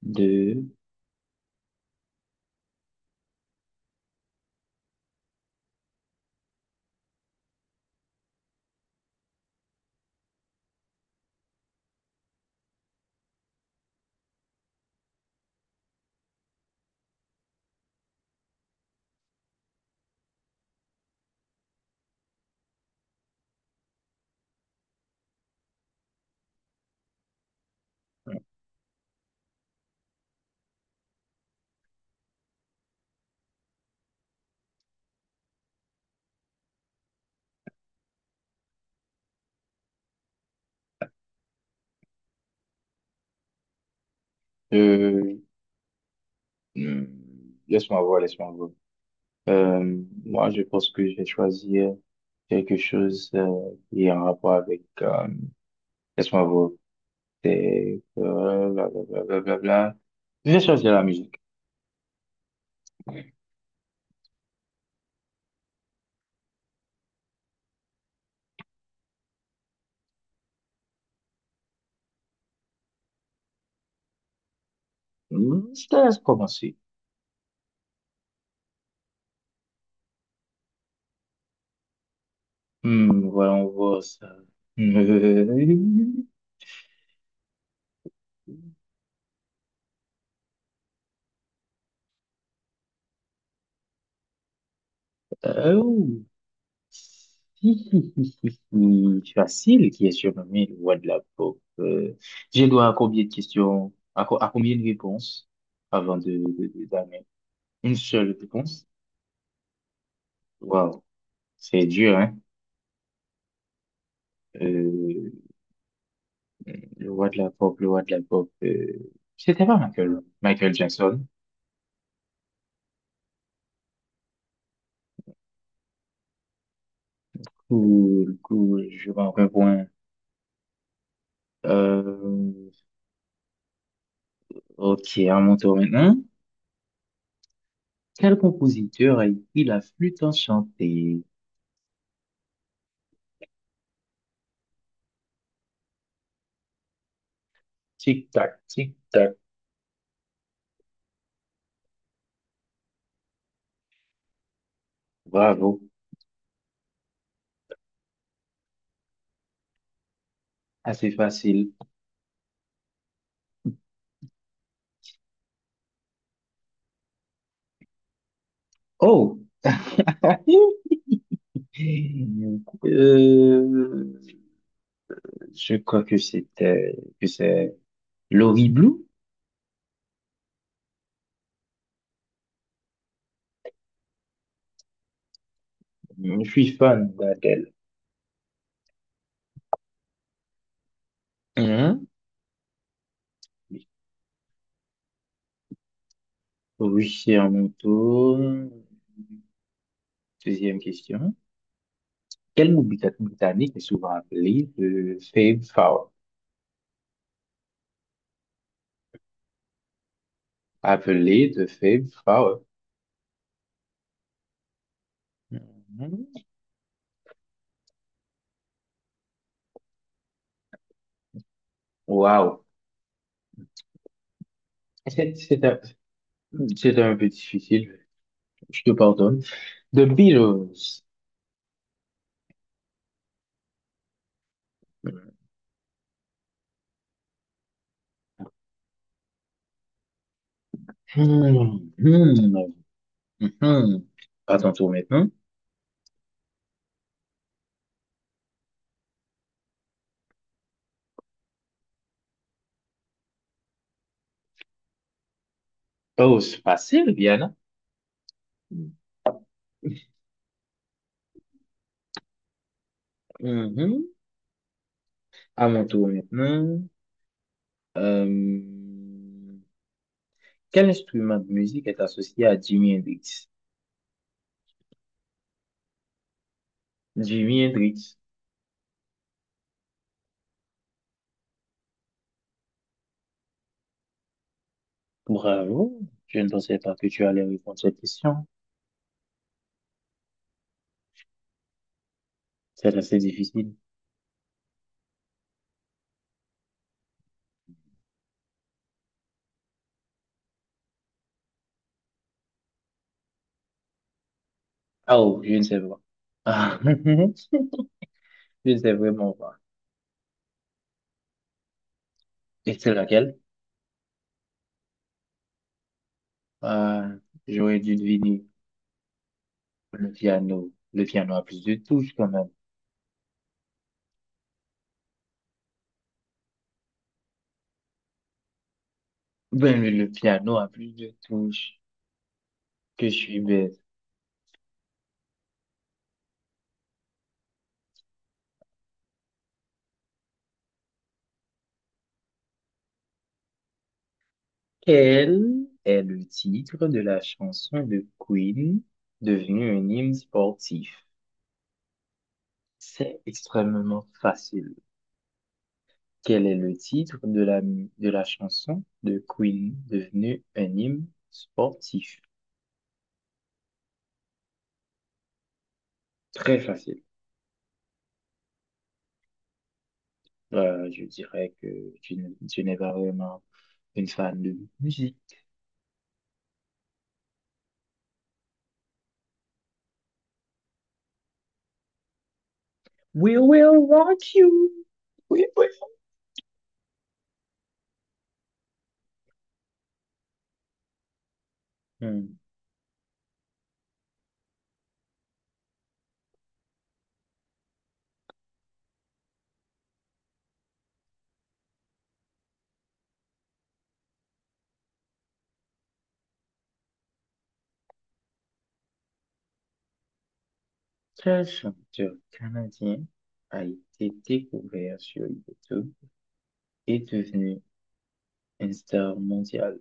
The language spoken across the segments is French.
De Euh, hmm, Laisse-moi voir, laisse-moi voir. Moi, je pense que je vais choisir quelque chose qui est en rapport avec... laisse-moi voir. C'est... euh, Blablabla. Je vais choisir la musique. Je te laisse commencer. Voyons voir ça. Oh. Si hi, hi, hi, hi. Facile qui est surnommé le roi de la pop. J'ai droit à combien de questions, à combien de réponses avant de donner une seule réponse? Waouh, c'est dur, hein? Euh, le roi de la pop, le roi de la pop. C'était pas Michael Jackson. Cool, cool, je manque un point. Euh, ok, à mon tour maintenant. Quel compositeur a écrit la flûte enchantée? Tic-tac, tic-tac. Bravo, assez facile. Oh, euh, je crois que c'est Laurie Blue. Je suis fan d'Adèle. Mhm. Oui, c'est à mon tour. Deuxième question. Quel mot britannique est souvent appelé de Fab Four? Appelé de Fab Four. Mhm. Wow. C'est c'est un, c'est un peu difficile. Je te pardonne. The Beatles. Hmm, hmm, hmm. À ton tour maintenant. Oh, c'est facile, Viana. Mhm. À mon tour maintenant. Euh, Quel instrument de musique est associé à Jimi Hendrix? Jimi Hendrix. Bravo. Je ne pensais pas que tu allais répondre à cette question. C'est assez difficile. Ah, oh, je ne sais pas. Ah, je ne sais vraiment pas. Et c'est laquelle? Ah, j'aurais dû deviner le piano. Le piano a plus de touches quand même. Ben, le piano a plusieurs touches que je suis bête. Quel est le titre de la chanson de Queen devenue un hymne sportif? C'est extrêmement facile. Quel est le titre de de la chanson de Queen devenue un hymne sportif? Très facile. Je dirais que tu n'es pas vraiment une fan de musique. We will rock you. We will. Hmm. Quel chanteur canadien a été découvert sur YouTube et devenu une star mondiale?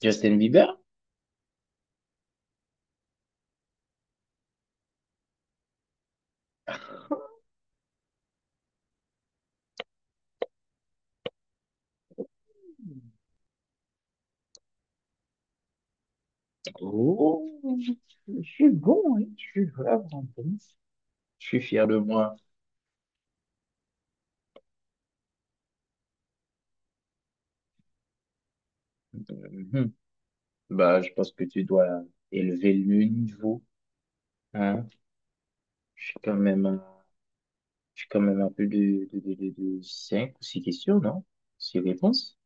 Justin Bieber? Oh, je je suis bon, hein. Je suis vraiment bon. Je suis fier de moi. Mhm. Bah, je pense que tu dois élever le niveau, hein. Je suis quand même à, je suis quand même à plus de 5 ou 6 questions, non? 6 réponses?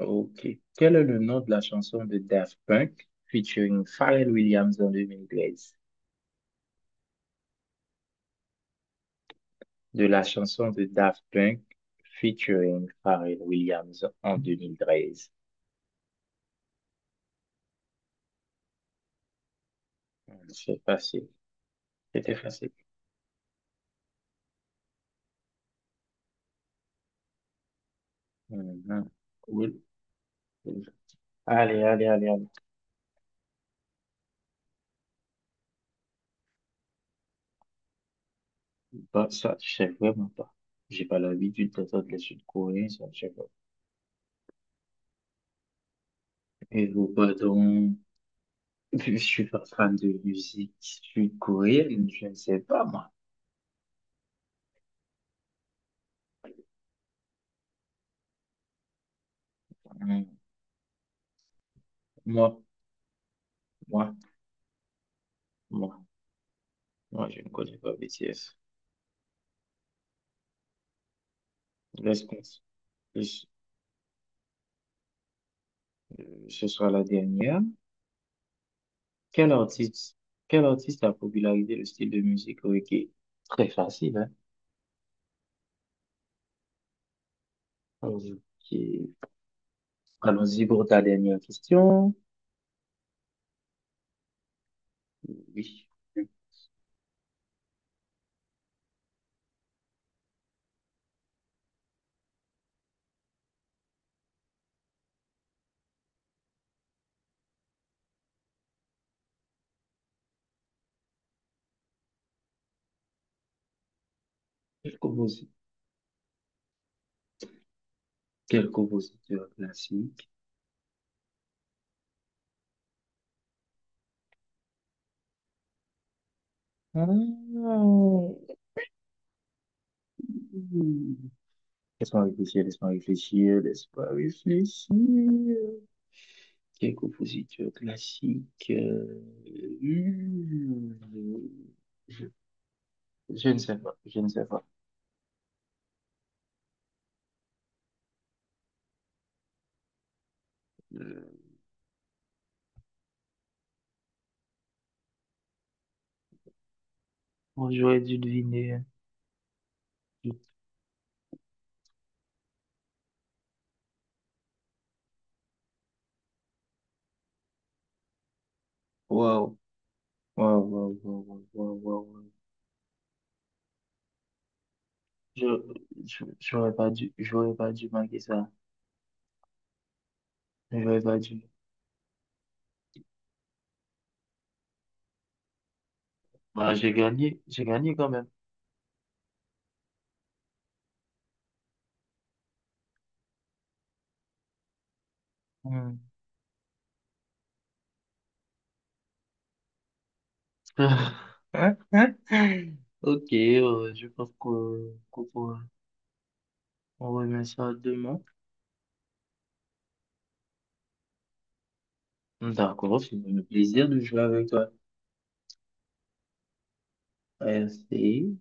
Ok. Quel est le nom de la chanson de Daft Punk featuring Pharrell Williams en 2013? De la chanson de Daft Punk featuring Pharrell Williams en 2013. C'est facile. C'était facile. Mhm. Cool. Cool. Allez, allez, allez, allez. Bah, ça, je sais vraiment pas. J'ai pas l'habitude d'entendre les Sud-Coréens, ça, je sais pas. Et vous, pardon. Je suis pas fan de musique sud-coréenne, je ne sais pas, moi. Hmm. Moi, moi, moi. Non, je ne connais pas BTS. Laisse penser que ce soit la dernière. Quel artiste, Quel artiste a popularisé le style de musique reggae? Très facile, hein? Allons-y, Allons-y pour ta dernière question. Oui. Quel composi- Quel compositeur classique? Ah, oui. Laisse-moi réfléchir, laisse-moi réfléchir, laisse-moi réfléchir. Quel compositeur classique? Hum, Je, je ne sais pas, je ne sais pas. Euh, Bon, j'aurais dû deviner, hein. Je- Waouh, waouh, waouh, waouh, waouh, waouh, waouh. je- j'aurais pas dû manquer ça. J'aurais pas dû. Bah, j'ai gagné quand même. Hmm. Hein, hein? Ok, je pense qu'on pourra. On remet ça demain. D'accord, c'est un plaisir de jouer avec toi. Merci.